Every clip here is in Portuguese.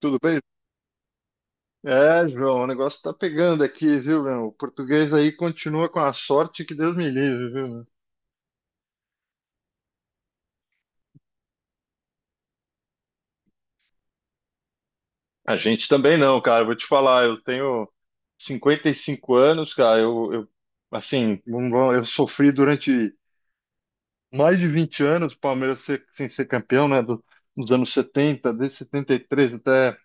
Tudo bem? É, João, o negócio tá pegando aqui, viu, meu? O português aí continua com a sorte que Deus me livre, viu? Meu? A gente também não, cara. Vou te falar, eu tenho 55 anos, cara. Eu assim, não vou- eu sofri durante mais de 20 anos o Palmeiras sem ser campeão, né? Dos anos 70, desde 73 até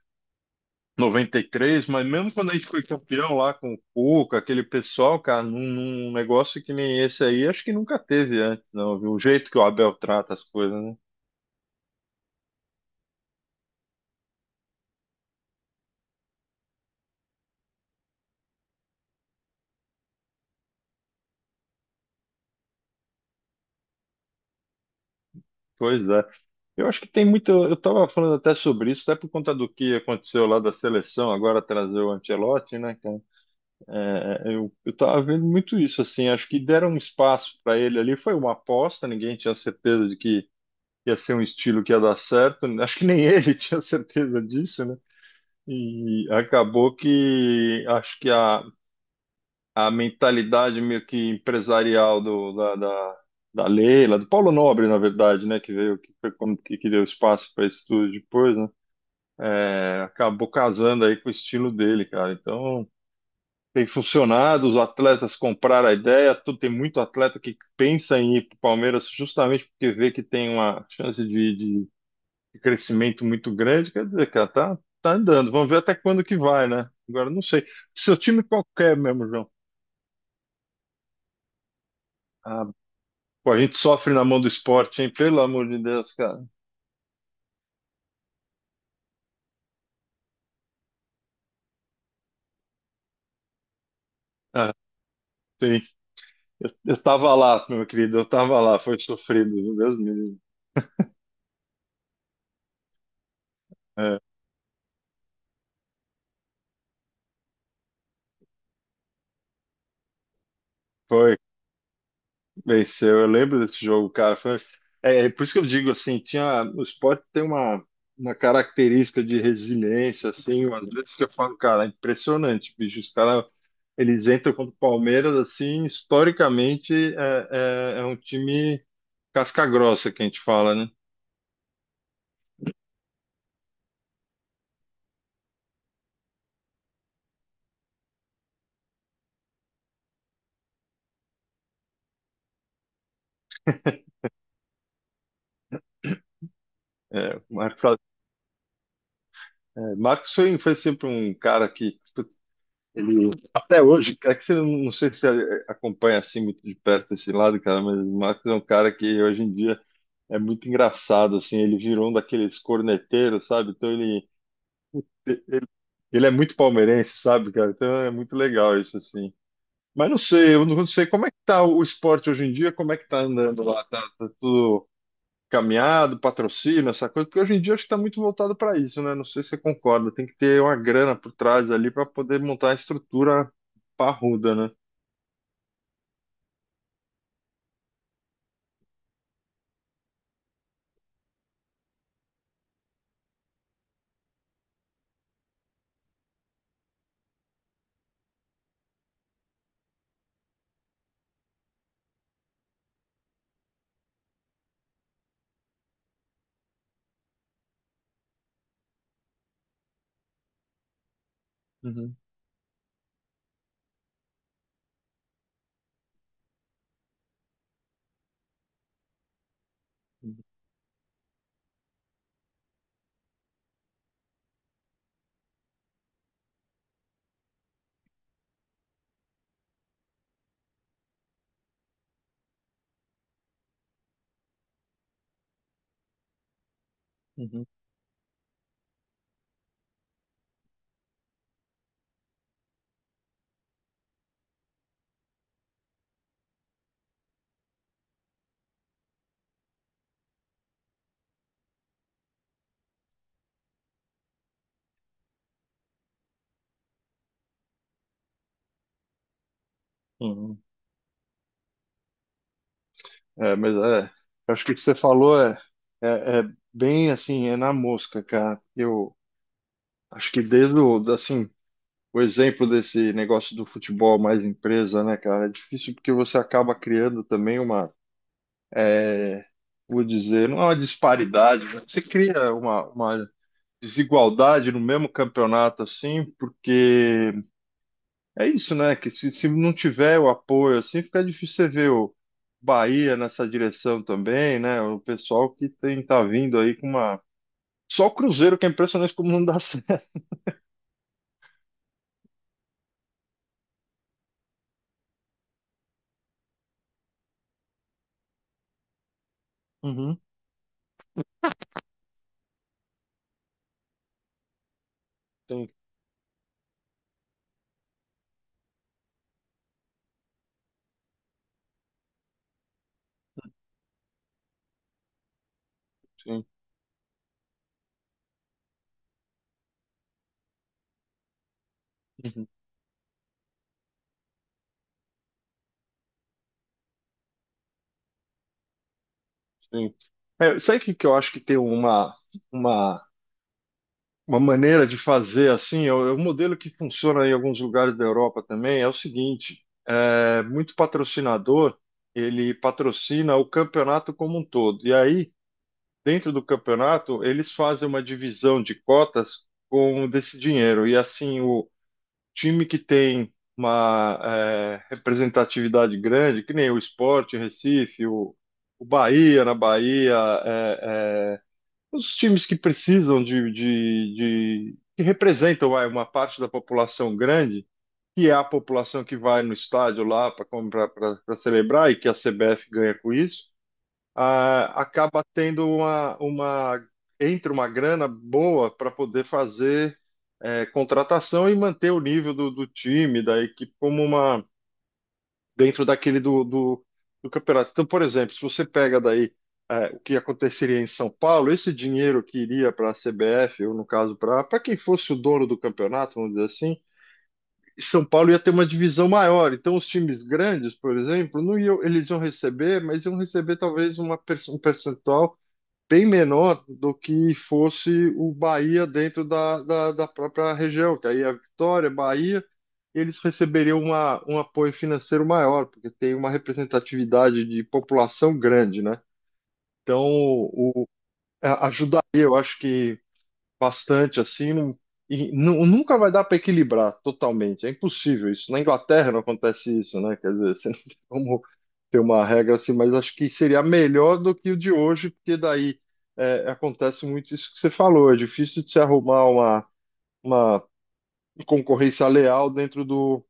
93, mas mesmo quando a gente foi campeão lá com o Cuca, aquele pessoal, cara, num negócio que nem esse aí, acho que nunca teve antes, não, viu? O jeito que o Abel trata as coisas, né? Pois é. Eu acho que tem muito. Eu tava falando até sobre isso, até por conta do que aconteceu lá da seleção, agora trazer o Ancelotti, né, cara? É, eu tava vendo muito isso, assim. Acho que deram um espaço para ele ali, foi uma aposta, ninguém tinha certeza de que ia ser um estilo que ia dar certo. Acho que nem ele tinha certeza disso, né? E acabou que acho que a mentalidade meio que empresarial da Leila, do Paulo Nobre, na verdade, né, que veio, que foi como que deu espaço para isso tudo depois, né, acabou casando aí com o estilo dele, cara. Então tem funcionado, os atletas compraram a ideia, tem muito atleta que pensa em ir para o Palmeiras justamente porque vê que tem uma chance um crescimento muito grande, quer dizer, cara, tá, andando. Vamos ver até quando que vai, né? Agora não sei. Seu time qualquer mesmo, João. Ah, pô, a gente sofre na mão do esporte, hein? Pelo amor de Deus, cara. Ah, sim. Eu tava lá, meu querido, eu tava lá, foi sofrido, meu Deus me livre. É, foi, venceu. Eu lembro desse jogo, cara. Foi... É, por isso que eu digo assim, tinha, o esporte tem uma característica de resiliência, assim, às vezes que eu falo, cara, é impressionante, bicho. Os caras eles entram contra o Palmeiras, assim, historicamente é um time casca grossa que a gente fala, né? É, o Marcos, é, Marcos foi sempre um cara que ele, até hoje, é que você não sei se você acompanha assim muito de perto esse lado, cara, mas o Marcos é um cara que hoje em dia é muito engraçado, assim, ele virou um daqueles corneteiros, sabe? Então ele, ele é muito palmeirense, sabe, cara? Então é muito legal isso, assim. Mas não sei, eu não sei como é que tá o esporte hoje em dia, como é que tá andando lá, tá tudo caminhado, patrocínio, essa coisa, porque hoje em dia acho que tá muito voltado para isso, né? Não sei se você concorda, tem que ter uma grana por trás ali para poder montar a estrutura parruda, né? Uhum, uhum, uhum. É, mas acho que o que você falou é bem assim, é na mosca, cara. Eu acho que desde o, assim, o exemplo desse negócio do futebol mais empresa, né, cara? É difícil porque você acaba criando também uma, é, vou dizer, não é uma disparidade, mas você cria uma desigualdade no mesmo campeonato, assim, porque é isso, né? Que se não tiver o apoio, assim, fica difícil você ver o Bahia nessa direção também, né? O pessoal que tem, tá vindo aí com uma. Só o Cruzeiro que é impressionante como não dá certo. Uhum, tem, tem. Sim. É, sabe o que que eu acho que tem uma, uma maneira de fazer assim? É o modelo que funciona em alguns lugares da Europa também. É o seguinte: muito patrocinador ele patrocina o campeonato como um todo. E aí, dentro do campeonato, eles fazem uma divisão de cotas com desse dinheiro. E assim, o time que tem uma representatividade grande, que nem o Sport em Recife, o Bahia na Bahia. é, é, os times que precisam que representam vai, uma parte da população grande, que é a população que vai no estádio lá para celebrar e que a CBF ganha com isso, ah, acaba tendo uma, entra uma grana boa para poder fazer contratação e manter o nível do time, da equipe como uma dentro daquele do campeonato. Então, por exemplo, se você pega daí o que aconteceria em São Paulo, esse dinheiro que iria para a CBF, ou no caso, para quem fosse o dono do campeonato, vamos dizer assim, São Paulo ia ter uma divisão maior. Então, os times grandes, por exemplo, não iam, eles iam receber, mas iam receber talvez um percentual bem menor do que fosse o Bahia dentro da própria região, que aí é a Vitória, Bahia, eles receberiam uma, um apoio financeiro maior, porque tem uma representatividade de população grande, né? Então, ajudaria, eu acho que bastante assim, e nunca vai dar para equilibrar totalmente. É impossível isso. Na Inglaterra não acontece isso, né? Quer dizer, você não tem como ter uma regra assim, mas acho que seria melhor do que o de hoje, porque daí acontece muito isso que você falou. É difícil de se arrumar uma concorrência leal dentro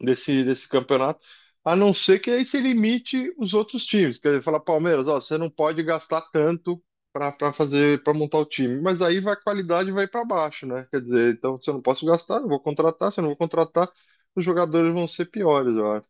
desse campeonato, a não ser que aí se limite os outros times. Quer dizer, falar, Palmeiras, ó, você não pode gastar tanto para fazer, para montar o time. Mas aí vai, a qualidade vai para baixo, né? Quer dizer, então se eu não posso gastar, eu vou contratar, se eu não vou contratar, os jogadores vão ser piores, eu acho.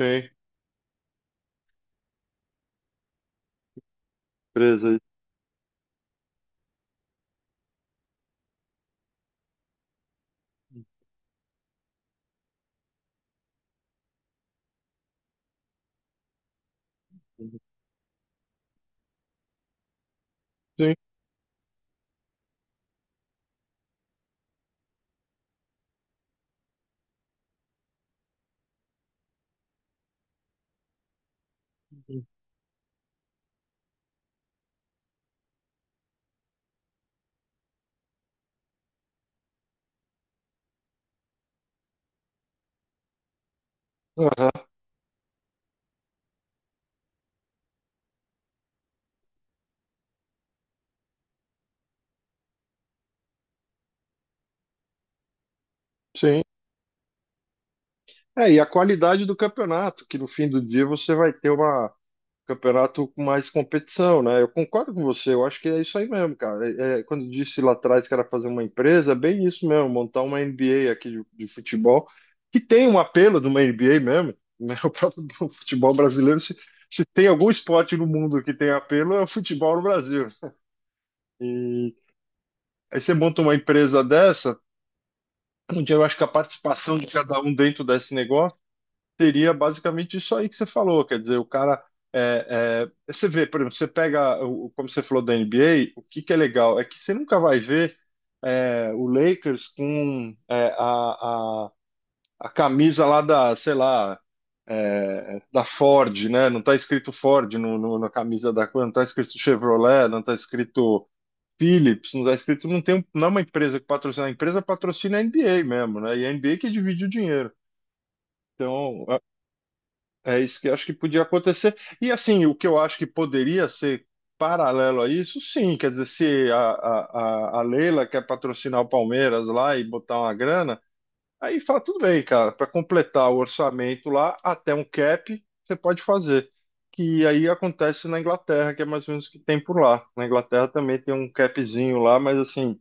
Sim, beleza. Sim, aham, sim. É, e a qualidade do campeonato, que no fim do dia você vai ter uma campeonato com mais competição, né? Eu concordo com você, eu acho que é isso aí mesmo, cara. É, quando eu disse lá atrás que era fazer uma empresa, é bem isso mesmo, montar uma NBA aqui de futebol, que tem um apelo de uma NBA mesmo, né? O próprio futebol brasileiro, se tem algum esporte no mundo que tem apelo, é o futebol no Brasil. E aí você monta uma empresa dessa, onde eu acho que a participação de cada um dentro desse negócio seria basicamente isso aí que você falou. Quer dizer, o cara. Você vê, por exemplo, você pega, como você falou da NBA, o que que é legal? É que você nunca vai ver o Lakers com a camisa lá da, sei lá, da Ford, né? Não está escrito Ford na camisa da coisa, não está escrito Chevrolet, não está escrito Philips, não está escrito, não tem, não é uma empresa que patrocina, a empresa patrocina a NBA mesmo, né? E a NBA que divide o dinheiro. Então, é isso que eu acho que podia acontecer. E assim, o que eu acho que poderia ser paralelo a isso, sim, quer dizer, se a Leila quer patrocinar o Palmeiras lá e botar uma grana, aí fala, tudo bem, cara, para completar o orçamento lá, até um cap, você pode fazer. Que aí acontece na Inglaterra, que é mais ou menos o que tem por lá. Na Inglaterra também tem um capzinho lá, mas assim,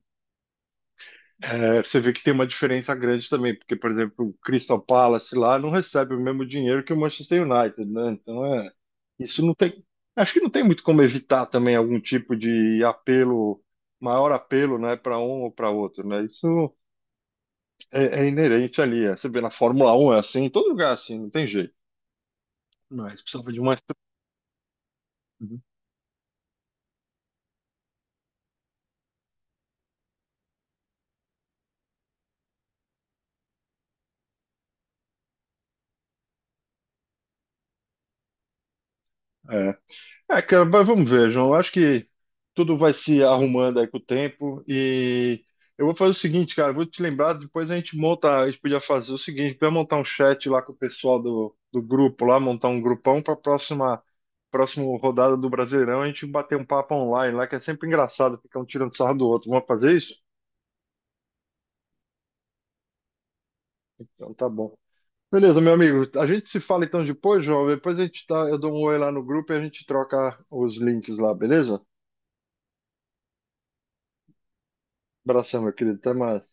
você vê que tem uma diferença grande também, porque, por exemplo, o Crystal Palace lá não recebe o mesmo dinheiro que o Manchester United, né? Então isso não tem. Acho que não tem muito como evitar também algum tipo de apelo, maior apelo, né, para um ou para outro, né? Isso é inerente ali. Você vê na Fórmula Um é assim, em todo lugar é assim, não tem jeito. Mas precisava de uma estrutura. É, cara, mas vamos ver, João. Eu acho que tudo vai se arrumando aí com o tempo. E eu vou fazer o seguinte, cara, eu vou te lembrar, depois a gente monta, a gente podia fazer o seguinte, vai montar um chat lá com o pessoal do grupo lá, montar um grupão para a próxima rodada do Brasileirão, a gente bater um papo online lá, que é sempre engraçado, ficar um tirando sarro do outro. Vamos fazer isso? Então tá bom. Beleza, meu amigo. A gente se fala então depois, João. Depois a gente tá, eu dou um oi lá no grupo e a gente troca os links lá, beleza? Abração, meu querido. Até mais.